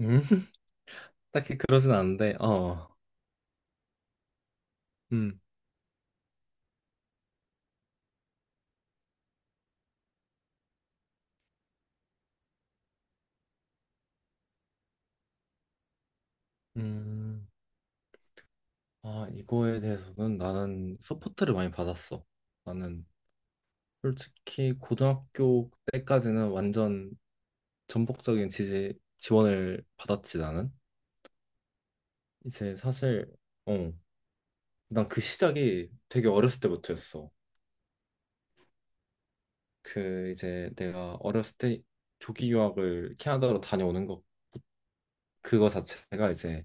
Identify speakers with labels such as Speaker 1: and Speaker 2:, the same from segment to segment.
Speaker 1: 음, 딱히 그러진 않은데, 음, 음, 이거에 대해서는 나는 서포트를 많이 받았어. 나는 솔직히 고등학교 때까지는 완전 전폭적인 지지, 지원을 받았지, 나는. 이제 사실, 어, 난 그 시작이 되게 어렸을 때부터였어. 그 이제 내가 어렸을 때 조기 유학을 캐나다로 다녀오는 것, 그거 자체가 이제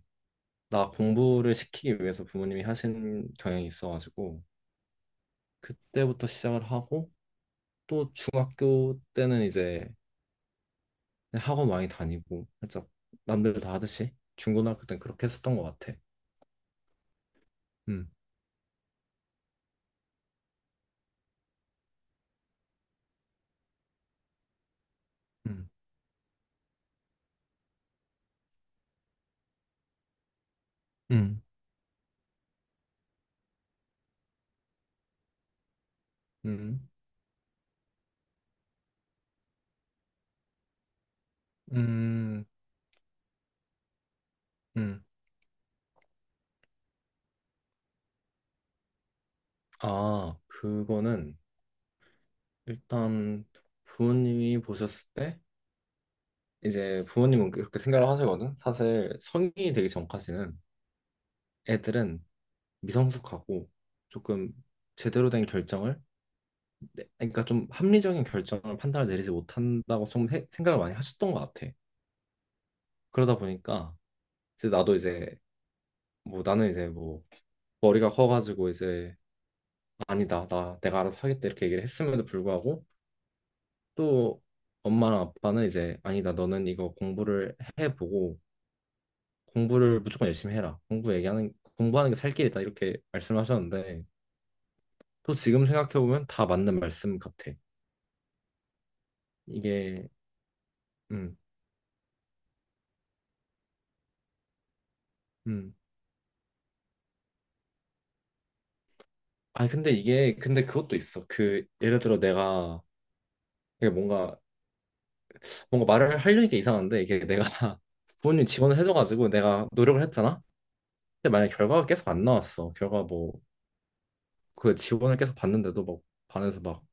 Speaker 1: 나 공부를 시키기 위해서 부모님이 하신 경향이 있어가지고, 그때부터 시작을 하고 또 중학교 때는 이제 학원 많이 다니고 살짝 남들 다 하듯이 중고등학교 때는 그렇게 했었던 것 같아. 음, 음, 음, 음, 음, 음. 그거는 일단 부모님이 보셨을 때 이제 부모님은 그렇게 생각을 하시거든. 사실 성인이 되기 전까지는 애들은 미성숙하고 조금 제대로 된 결정을 네, 그러니까 좀 합리적인 결정을 판단을 내리지 못한다고 좀 생각을 많이 하셨던 것 같아. 그러다 보니까 이제 나도 이제 뭐 나는 이제 뭐 머리가 커가지고 이제 아니다 나 내가 알아서 하겠다 이렇게 얘기를 했음에도 불구하고 또 엄마랑 아빠는 이제 아니다 너는 이거 공부를 해보고 공부를 무조건 열심히 해라 공부 얘기하는 공부하는 게 살 길이다 이렇게 말씀하셨는데 또 지금 생각해 보면 다 맞는 말씀 같아. 이게 음, 음. 아니 근데 이게 근데 그것도 있어. 그 예를 들어 내가 이게 뭔가 말을 하려니까 이상한데 이게 내가 부모님 지원을 해줘가지고 내가 노력을 했잖아. 근데 만약 결과가 계속 안 나왔어. 결과 뭐 그 지원을 계속 받는데도 막 반에서 막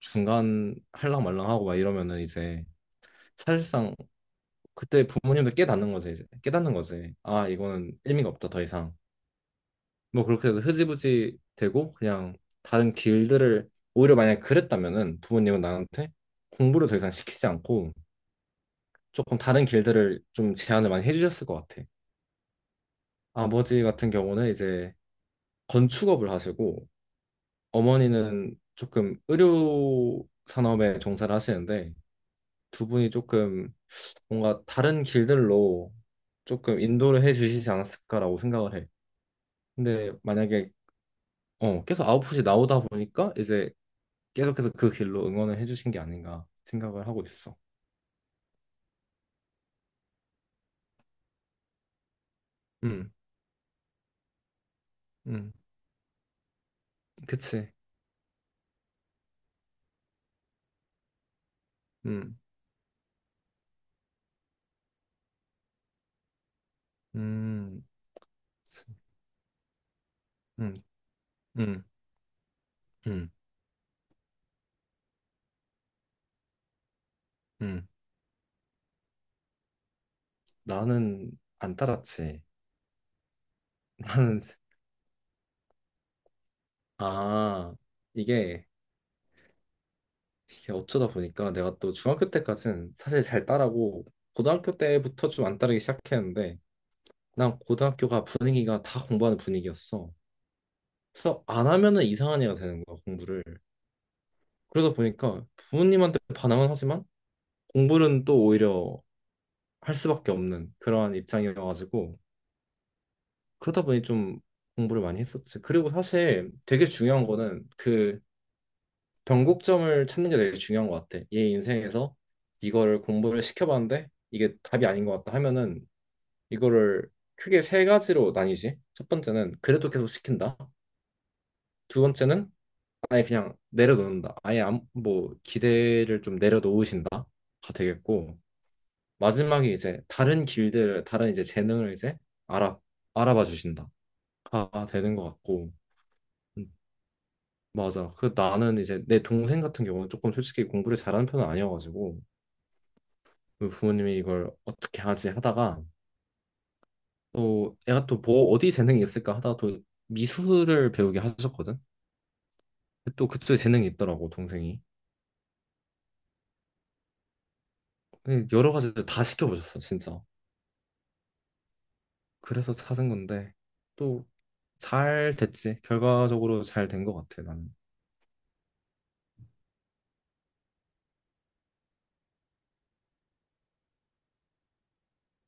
Speaker 1: 중간 할랑 말랑하고 막 이러면은 이제 사실상 그때 부모님도 깨닫는 거지 이제 깨닫는 거지. 아 이거는 의미가 없다 더 이상. 뭐 그렇게 해서 흐지부지 되고 그냥 다른 길들을 오히려 만약에 그랬다면은 부모님은 나한테 공부를 더 이상 시키지 않고 조금 다른 길들을 좀 제안을 많이 해주셨을 것 같아. 아버지 같은 경우는 이제 건축업을 하시고 어머니는 조금 의료 산업에 종사를 하시는데 두 분이 조금 뭔가 다른 길들로 조금 인도를 해 주시지 않았을까라고 생각을 해. 근데 만약에 계속 아웃풋이 나오다 보니까 이제 계속해서 그 길로 응원을 해주신 게 아닌가 생각을 하고 있어. 음, 음, 그치. 음, 음, 그치. 음, 음, 음, 음. 나는 안 따랐지. 나는 아 이게, 이게 어쩌다 보니까 내가 또 중학교 때까지는 사실 잘 따라고 고등학교 때부터 좀 안 따르기 시작했는데 난 고등학교가 분위기가 다 공부하는 분위기였어. 그래서 안 하면은 이상한 애가 되는 거야 공부를. 그러다 보니까 부모님한테 반항은 하지만 공부는 또 오히려 할 수밖에 없는 그러한 입장이어가지고 그러다 보니 좀 공부를 많이 했었지. 그리고 사실 되게 중요한 거는 그 변곡점을 찾는 게 되게 중요한 것 같아. 얘 인생에서 이거를 공부를 시켜봤는데 이게 답이 아닌 것 같다 하면은 이거를 크게 세 가지로 나뉘지. 첫 번째는 그래도 계속 시킨다. 두 번째는 아예 그냥 내려놓는다. 아예 뭐 기대를 좀 내려놓으신다가 되겠고 마지막에 이제 다른 길들을 다른 이제 재능을 이제 알아 알아봐 주신다 가 되는 것 같고 음, 맞아 그 나는 이제 내 동생 같은 경우는 조금 솔직히 공부를 잘하는 편은 아니어가지고 그 부모님이 이걸 어떻게 하지 하다가 또 애가 또 뭐 어디 재능이 있을까 하다가 또 미술을 배우게 하셨거든. 또 그쪽에 재능이 있더라고 동생이. 근데 여러 가지를 다 시켜보셨어 진짜. 그래서 찾은 건데 또 잘 됐지. 결과적으로 잘 된 것 같아 나는.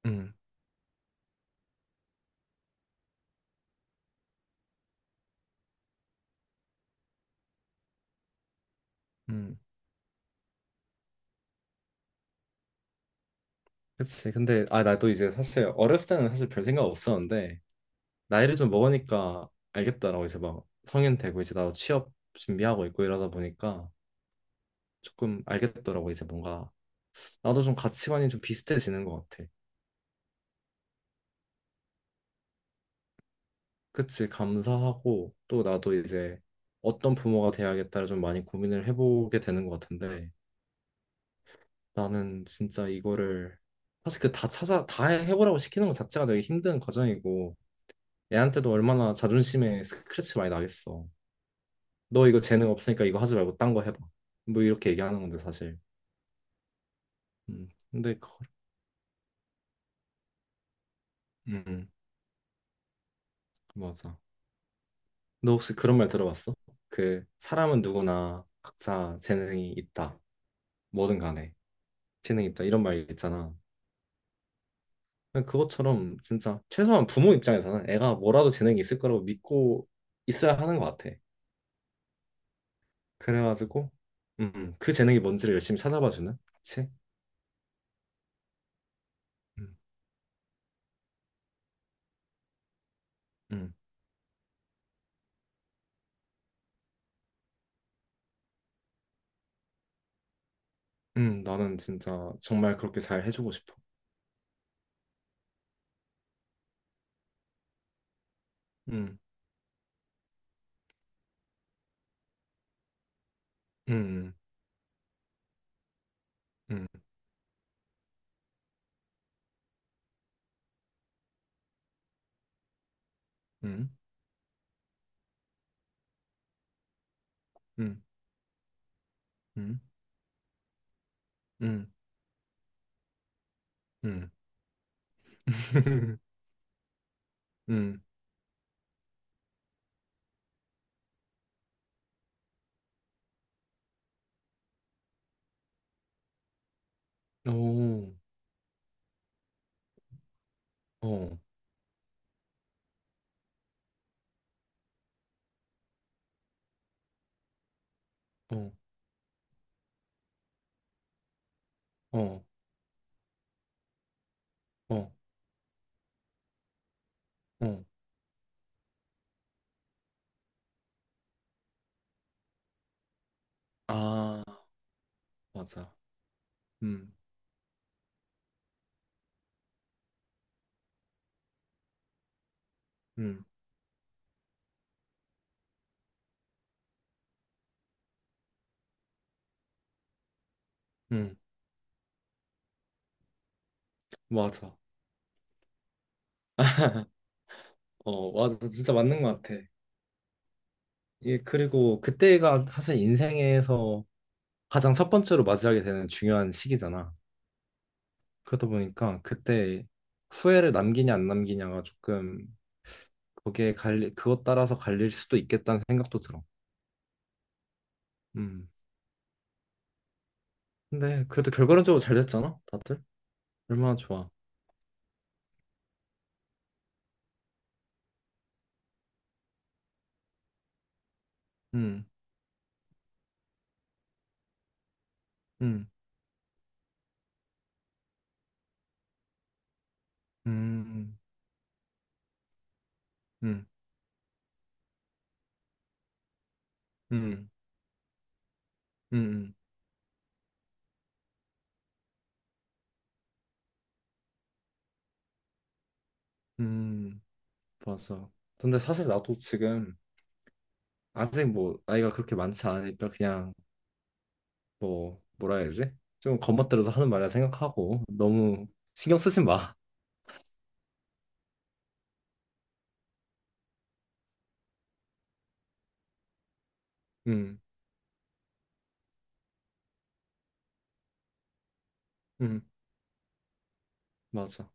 Speaker 1: 음, 음. 그치. 근데, 나도 이제 사실 어렸을 때는 사실 별 생각 없었는데, 나이를 좀 먹으니까 알겠더라고. 이제 막 성인 되고, 이제 나도 취업 준비하고 있고 이러다 보니까 조금 알겠더라고. 이제 뭔가 나도 좀 가치관이 좀 비슷해지는 것 같아. 그치. 감사하고, 또 나도 이제 어떤 부모가 돼야겠다를 좀 많이 고민을 해보게 되는 것 같은데, 나는 진짜 이거를 사실 그 다 찾아, 다 해- 해보라고 시키는 것 자체가 되게 힘든 과정이고, 애한테도 얼마나 자존심에 스크래치 많이 나겠어. 너 이거 재능 없으니까 이거 하지 말고 딴 거 해봐. 뭐 이렇게 얘기하는 건데 사실. 근데 음, 맞아. 너 혹시 그런 말 들어봤어? 그 사람은 누구나 각자 재능이 있다. 뭐든 간에 재능이 있다. 이런 말 있잖아. 그냥 그것처럼 진짜 최소한 부모 입장에서는 애가 뭐라도 재능이 있을 거라고 믿고 있어야 하는 것 같아. 그래가지고 그 재능이 뭔지를 열심히 찾아봐 주는. 그치? 음, 음, 나는 진짜 정말 그렇게 잘 해주고 싶어. 음, 음, 음. 음, 음, 음, 음, 음, 음, 오, 어, 어, 어, 어, 어, 아, 맞아, 음, 음, 음, 맞아, 어, 맞아, 진짜 맞는 것 같아. 예, 그리고 그때가 사실 인생에서 가장 첫 번째로 맞이하게 되는 중요한 시기잖아. 그러다 보니까 그때 후회를 남기냐 안 남기냐가 조금 그것 따라서 갈릴 수도 있겠다는 생각도 들어. 음. 근데 그래도 결과론적으로 잘 됐잖아, 다들. 얼마나 좋아. 음, 음, 음, 음, 음, 음, 음, 맞아. 근데 사실 나도 지금 아직 뭐 나이가 그렇게 많지 않으니까 그냥 뭐 뭐라 해야지? 좀 겉멋대로서 하는 말이라 생각하고 너무 신경 쓰지 마. 음, 음, 맞아.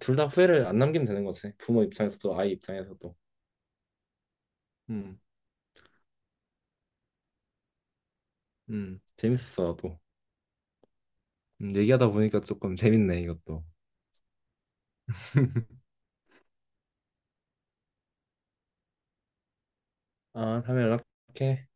Speaker 1: 둘 다 후회를 안 남기면 되는 거지. 부모 입장에서도 아이 입장에서도. 음, 재밌었어 나도. 얘기하다 보니까 조금 재밌네 이것도. 아, 다음에 연락해.